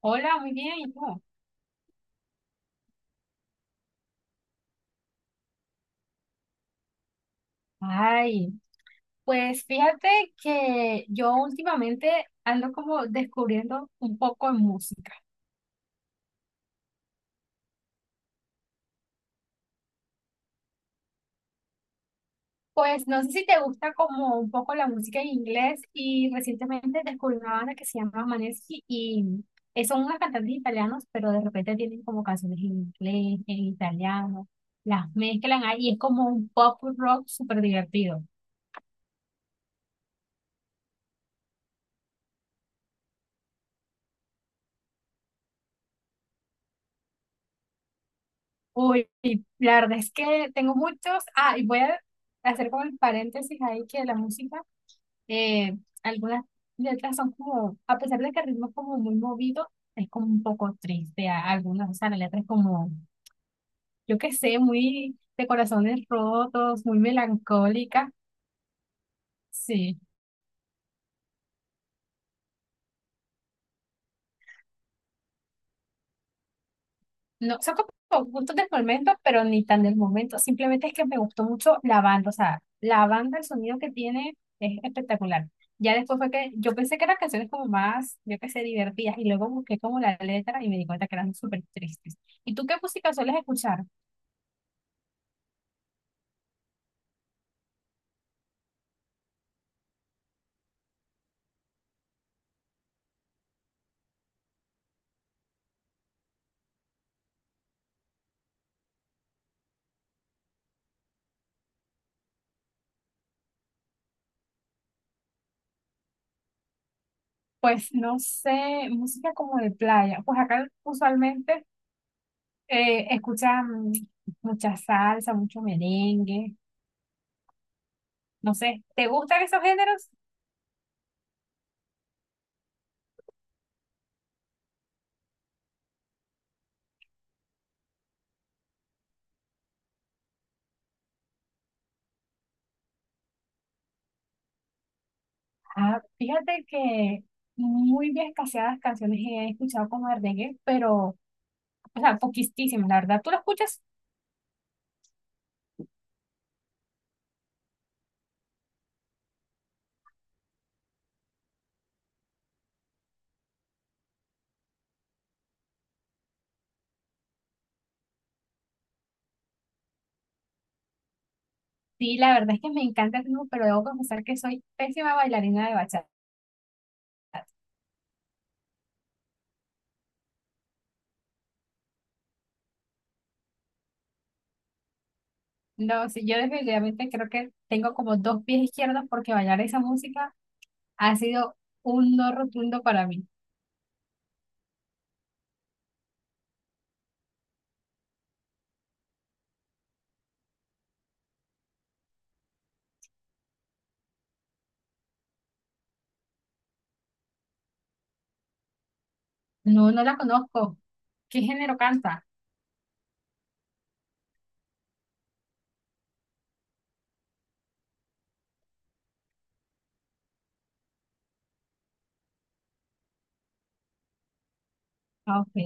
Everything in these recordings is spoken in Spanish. Hola, muy bien, ¿y tú? Ay, pues fíjate que yo últimamente ando como descubriendo un poco de música. Pues no sé si te gusta como un poco la música en inglés y recientemente descubrí una banda que se llama Maneskin y son unos cantantes italianos, pero de repente tienen como canciones en inglés, en italiano, las mezclan ahí, es como un pop rock súper divertido. Uy, la verdad es que tengo muchos. Ah, y voy a hacer como el paréntesis ahí que la música, eh, algunas letras son como, a pesar de que el ritmo es como muy movido, es como un poco triste. Algunas, o sea, la letra es como, yo qué sé, muy de corazones rotos, muy melancólica. Sí. No, son como puntos del momento, pero ni tan del momento. Simplemente es que me gustó mucho la banda. O sea, la banda, el sonido que tiene es espectacular. Ya después fue que yo pensé que eran canciones como más, yo qué sé, divertidas. Y luego busqué como la letra y me di cuenta que eran súper tristes. ¿Y tú qué música sueles escuchar? Pues no sé, música como de playa. Pues acá usualmente escuchan mucha salsa, mucho merengue. No sé, ¿te gustan esos géneros? Ah, fíjate que muy bien escaseadas canciones he escuchado como de reggae, pero, o sea, poquísimas, la verdad. ¿Tú lo escuchas? Sí, la verdad es que me encanta el ritmo, pero debo confesar que soy pésima bailarina de bachata. No, sí, yo definitivamente creo que tengo como dos pies izquierdos porque bailar esa música ha sido un no rotundo para mí. No, no la conozco. ¿Qué género canta? Ah, ok.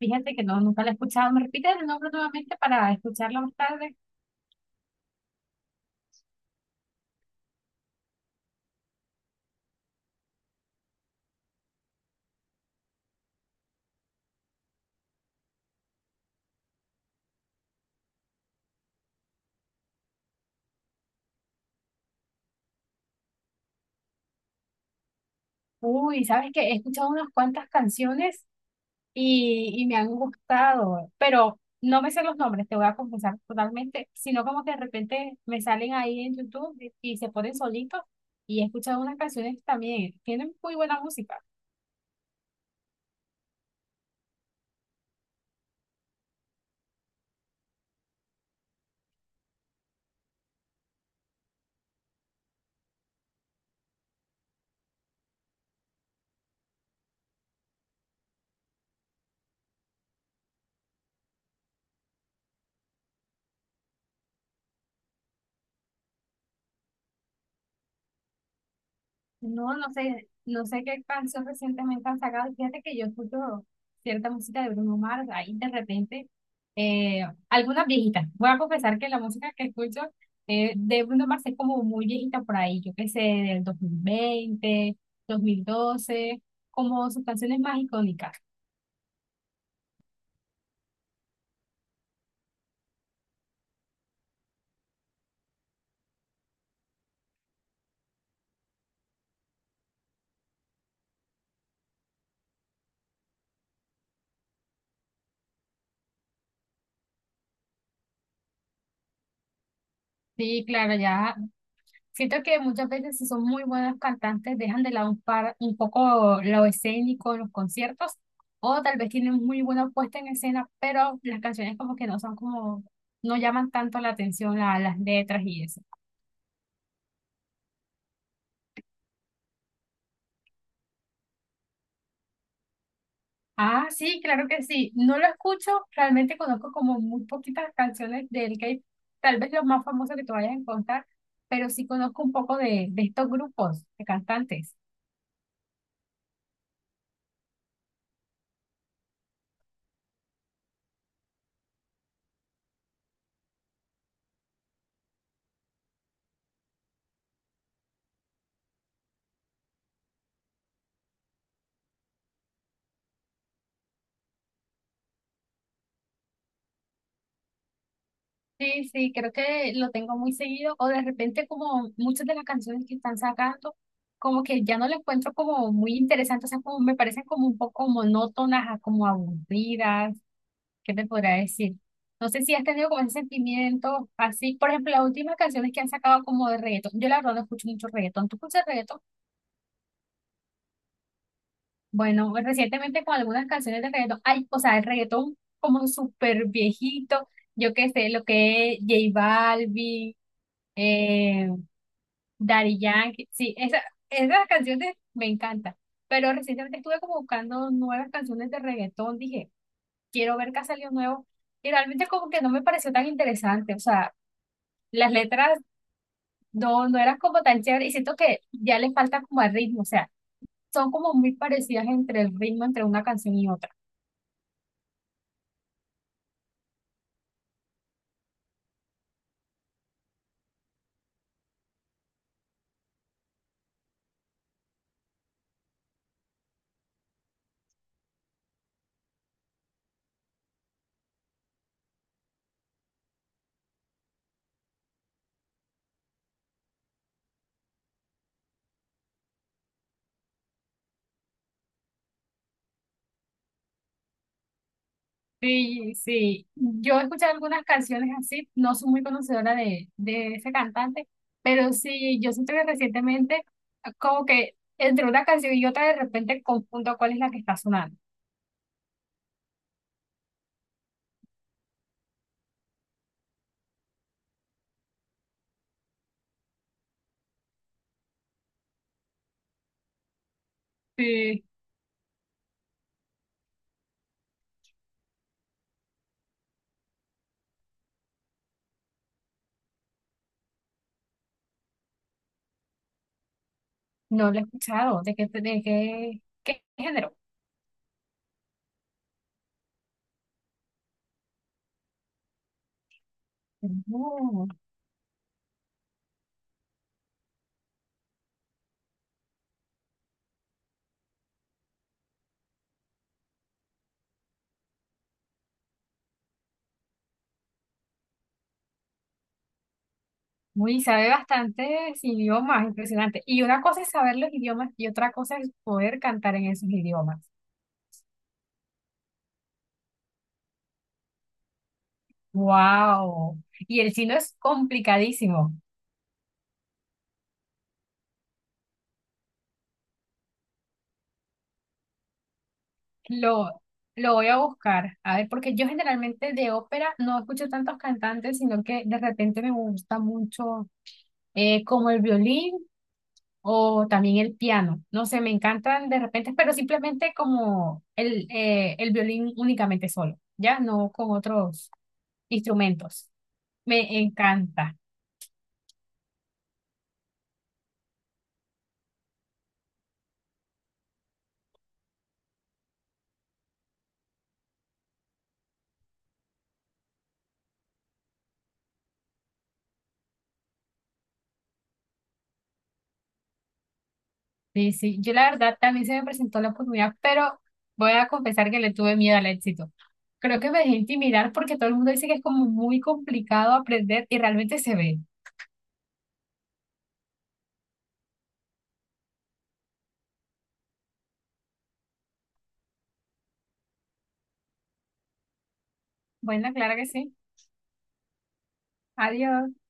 Fíjate que no, nunca la he escuchado. ¿Me repites el nombre nuevamente para escucharla más tarde? Uy, sabes que he escuchado unas cuantas canciones y me han gustado, pero no me sé los nombres, te voy a confesar totalmente, sino como que de repente me salen ahí en YouTube y se ponen solitos y he escuchado unas canciones que también tienen muy buena música. No, no sé qué canción recientemente han sacado. Fíjate que yo escucho cierta música de Bruno Mars, ahí de repente, algunas viejitas. Voy a confesar que la música que escucho de Bruno Mars es como muy viejita por ahí, yo qué sé, del 2020, 2012, como sus canciones más icónicas. Sí, claro, ya, siento que muchas veces si son muy buenos cantantes dejan de lado un poco lo escénico en los conciertos o tal vez tienen muy buena puesta en escena, pero las canciones como que no son como, no llaman tanto la atención a las letras y eso. Ah, sí, claro que sí. No lo escucho, realmente conozco como muy poquitas canciones del K-pop, tal vez los más famosos que tú vayas a encontrar, pero sí conozco un poco de estos grupos de cantantes. Sí, sí, creo que lo tengo muy seguido. O de repente como muchas de las canciones que están sacando, como que ya no las encuentro como muy interesantes, o sea, como me parecen como un poco monótonas, como aburridas, ¿qué te podría decir? No sé si has tenido como ese sentimiento así. Por ejemplo, las últimas canciones que han sacado como de reggaetón. Yo la verdad no escucho mucho reggaetón. ¿Tú escuchas reggaetón? Bueno, pues, recientemente con algunas canciones de reggaetón, ay, o sea, el reggaetón como súper viejito, yo qué sé, lo que es J Balvin. eh, Daddy Yankee, sí, esas canciones me encantan. Pero recientemente estuve como buscando nuevas canciones de reggaetón. Dije, quiero ver qué ha salido nuevo. Y realmente como que no me pareció tan interesante. O sea, las letras no eran como tan chéveres. Y siento que ya les falta como el ritmo. O sea, son como muy parecidas entre el ritmo entre una canción y otra. Sí, sí, yo he escuchado algunas canciones así, no soy muy conocedora de ese cantante, pero sí, yo siento que recientemente como que entre una canción y otra de repente confundo cuál es la que está sonando. Sí. No lo he escuchado, qué género. Oh, uy, sabe bastantes idiomas, impresionante. Y una cosa es saber los idiomas y otra cosa es poder cantar en esos idiomas. Wow. Y el chino es complicadísimo. Lo, lo voy a buscar, a ver, porque yo generalmente de ópera no escucho tantos cantantes, sino que de repente me gusta mucho como el violín o también el piano. No sé, me encantan de repente, pero simplemente como el violín únicamente solo, ya no con otros instrumentos. Me encanta. Sí, sí, yo la verdad también se me presentó la oportunidad, pero voy a confesar que le tuve miedo al éxito. Creo que me dejé intimidar porque todo el mundo dice que es como muy complicado aprender y realmente se ve. Bueno, claro que sí. Adiós.